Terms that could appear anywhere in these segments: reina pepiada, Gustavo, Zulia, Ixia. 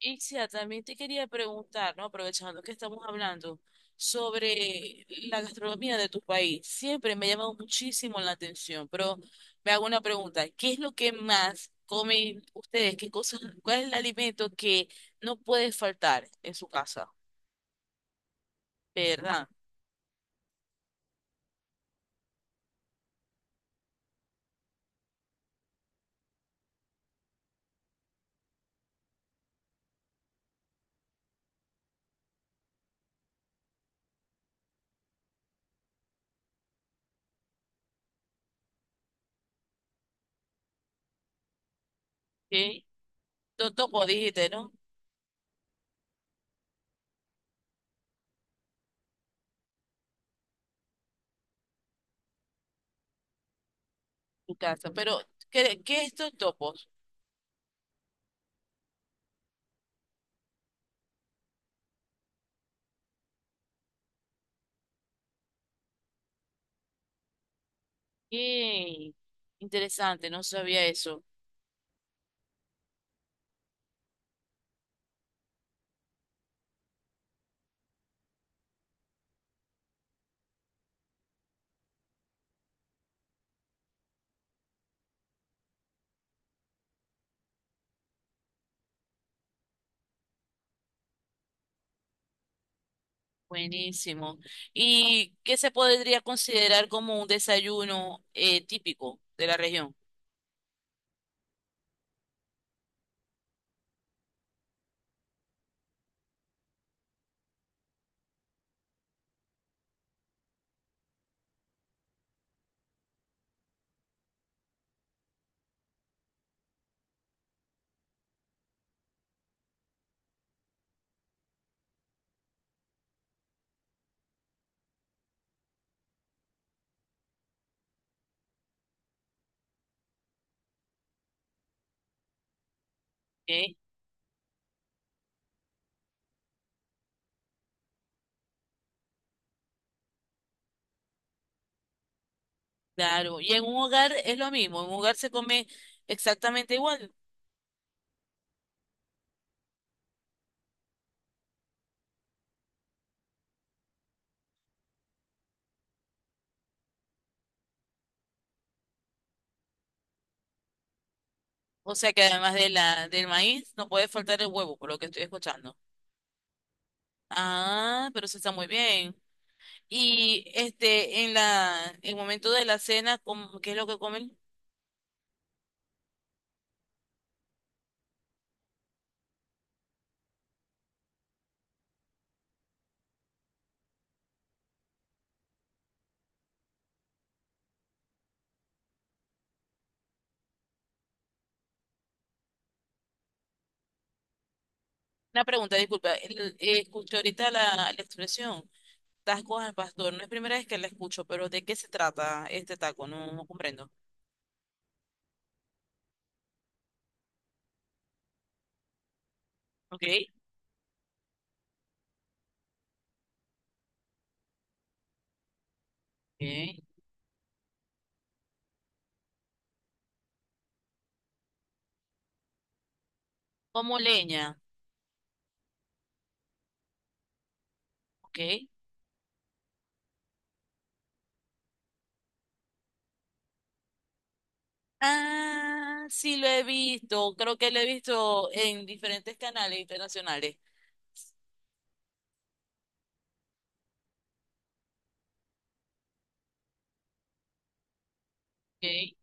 Ixia, también te quería preguntar, ¿no? Aprovechando que estamos hablando sobre la gastronomía de tu país. Siempre me ha llamado muchísimo la atención, pero me hago una pregunta. ¿Qué es lo que más comen ustedes? ¿Qué cosas, cuál es el alimento que no puede faltar en su casa? ¿Verdad? ¿Sí? Totopos, dijiste, ¿no? Tu casa. Pero, ¿qué es totopos? Qué interesante, no sabía eso. Buenísimo. ¿Y qué se podría considerar como un desayuno típico de la región? ¿Eh? Claro. Y en un hogar es lo mismo. En un hogar se come exactamente igual. O sea que además de del maíz, no puede faltar el huevo, por lo que estoy escuchando. Ah, pero eso está muy bien. Y este, en en el momento de la cena, ¿cómo? ¿Qué es lo que comen? Una pregunta, disculpa. Escuché ahorita la expresión. Tacos al pastor, no es primera vez que la escucho, pero ¿de qué se trata este taco? No, no comprendo. Ok, ok. Como leña, ok. Ah, sí lo he visto, creo que lo he visto en diferentes canales internacionales. Ok.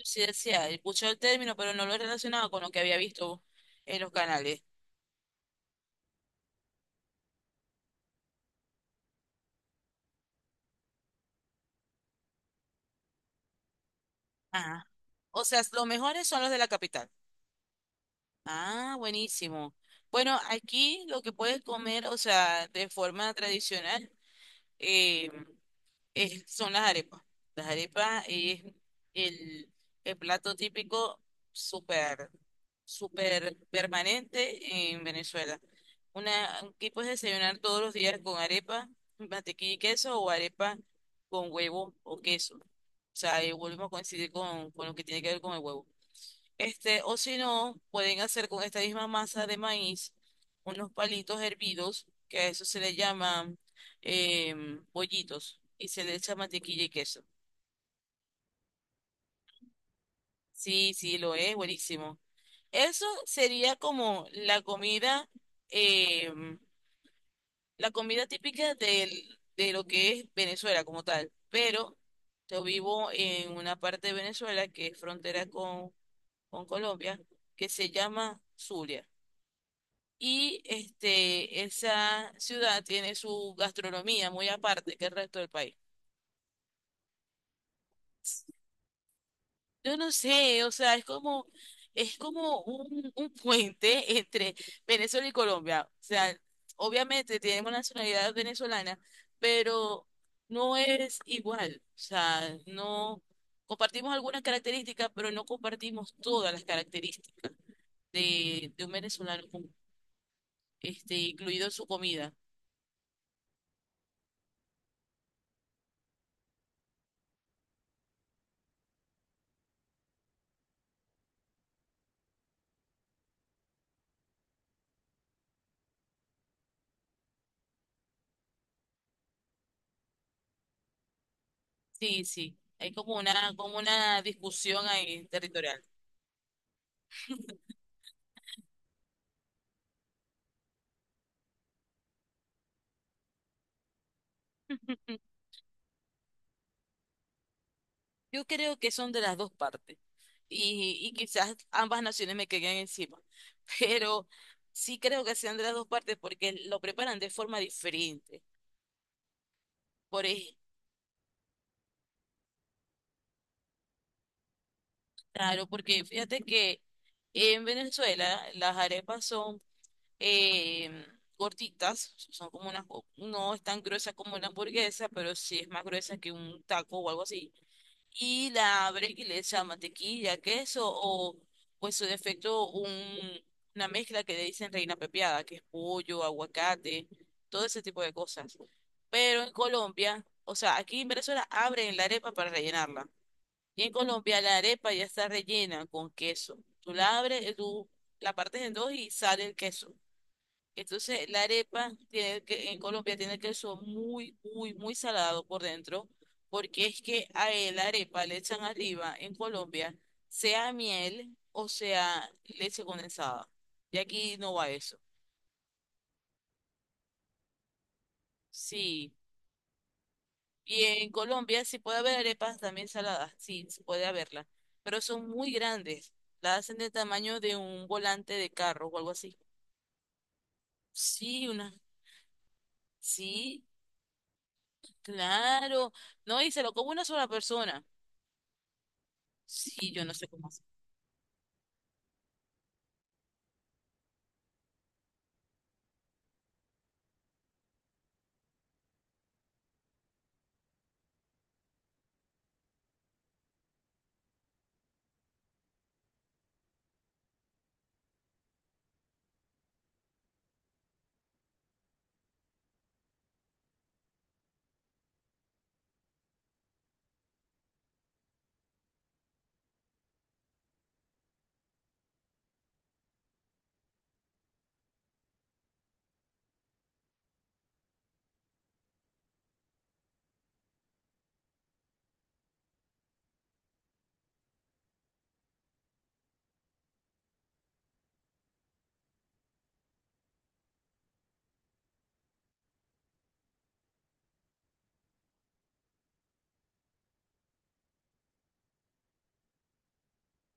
Sí decía, escuché el término, pero no lo he relacionado con lo que había visto en los canales. Ah, o sea, los mejores son los de la capital. Ah, buenísimo. Bueno, aquí lo que puedes comer, o sea, de forma tradicional. eh, Son las arepas. Las arepas es el, el plato típico súper, súper permanente en Venezuela. Una, aquí puedes desayunar todos los días con arepa, mantequilla y queso o arepa con huevo o queso. O sea, ahí volvemos a coincidir con lo que tiene que ver con el huevo. Este, o si no, pueden hacer con esta misma masa de maíz unos palitos hervidos, que a eso se le llaman bollitos, y se le echa mantequilla y queso. Sí, sí, lo es, buenísimo. Eso sería como la comida, em, la comida típica de lo que es Venezuela como tal. Pero yo vivo en una parte de Venezuela que es frontera con Colombia, que se llama Zulia. Y este, esa ciudad tiene su gastronomía muy aparte que el resto del país. Yo no sé, o sea, es como un puente entre Venezuela y Colombia. O sea, obviamente tenemos nacionalidad venezolana, pero no es igual. O sea, no compartimos algunas características, pero no compartimos todas las características de un venezolano, este, incluido su comida. Sí, sí, hay como una discusión ahí territorial. Yo creo que son de las dos partes y quizás ambas naciones me caigan encima, pero sí creo que sean de las dos partes porque lo preparan de forma diferente. Por ej- claro, porque fíjate que en Venezuela las arepas son eh, gorditas, son como unas, no es tan gruesa como una hamburguesa, pero sí es más gruesa que un taco o algo así. Y la abres y le echas mantequilla, queso o, pues su defecto, una mezcla que le dicen reina pepiada, que es pollo, aguacate, todo ese tipo de cosas. Pero en Colombia, o sea, aquí en Venezuela abren la arepa para rellenarla. Y en Colombia la arepa ya está rellena con queso. Tú la abres, tú la partes en dos y sale el queso. Entonces, la arepa tiene que, en Colombia tiene queso muy, muy, muy salado por dentro, porque es que a él, la arepa le echan arriba en Colombia, sea miel o sea leche condensada. Y aquí no va eso. Sí. Y en Colombia sí puede haber arepas también saladas, sí, sí puede haberlas, pero son muy grandes. La hacen del tamaño de un volante de carro o algo así. Sí, una. Sí, claro. No, y se lo come una sola persona. Sí, yo no sé cómo hacer.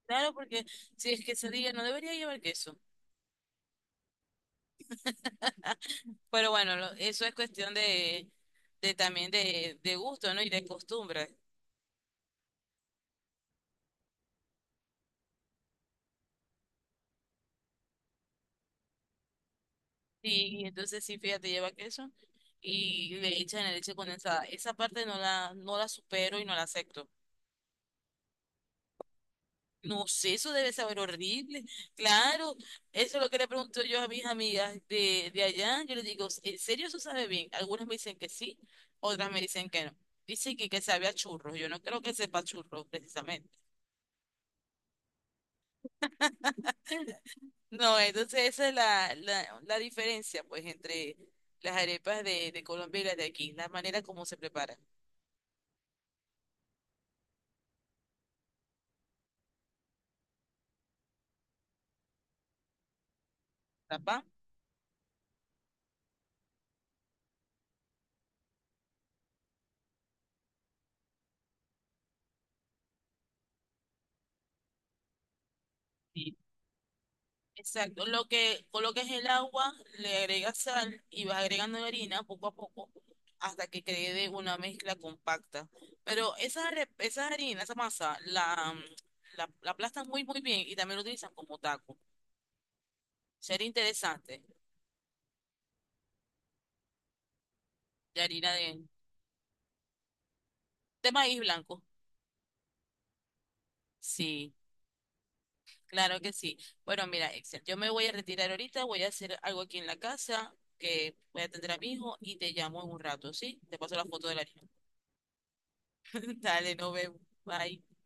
Claro, porque si es quesadilla no debería llevar queso. Pero bueno, eso es cuestión de también de gusto, ¿no? Y de costumbre. Sí, y entonces sí, fíjate, lleva queso y le echan la leche condensada. Esa parte no no la supero y no la acepto. No sé, eso debe saber horrible. Claro, eso es lo que le pregunto yo a mis amigas de allá. Yo les digo, ¿en serio eso sabe bien? Algunas me dicen que sí, otras me dicen que no. Dicen que sabe a churros. Yo no creo que sepa churros, precisamente. No, entonces esa es la diferencia, pues, entre las arepas de Colombia y las de aquí, la manera como se preparan. ¿Tapa? Exacto, lo que coloques el agua, le agregas sal y vas agregando la harina poco a poco hasta que quede una mezcla compacta. Pero esa, esa harina, esa masa, la aplastan muy muy bien y también lo utilizan como taco. Sería interesante, de harina de maíz blanco. Sí, claro que sí. Bueno, mira, Excel, yo me voy a retirar ahorita, voy a hacer algo aquí en la casa, que voy a atender a mi hijo y te llamo en un rato, ¿sí? Te paso la foto de la harina. Dale, nos vemos. Bye.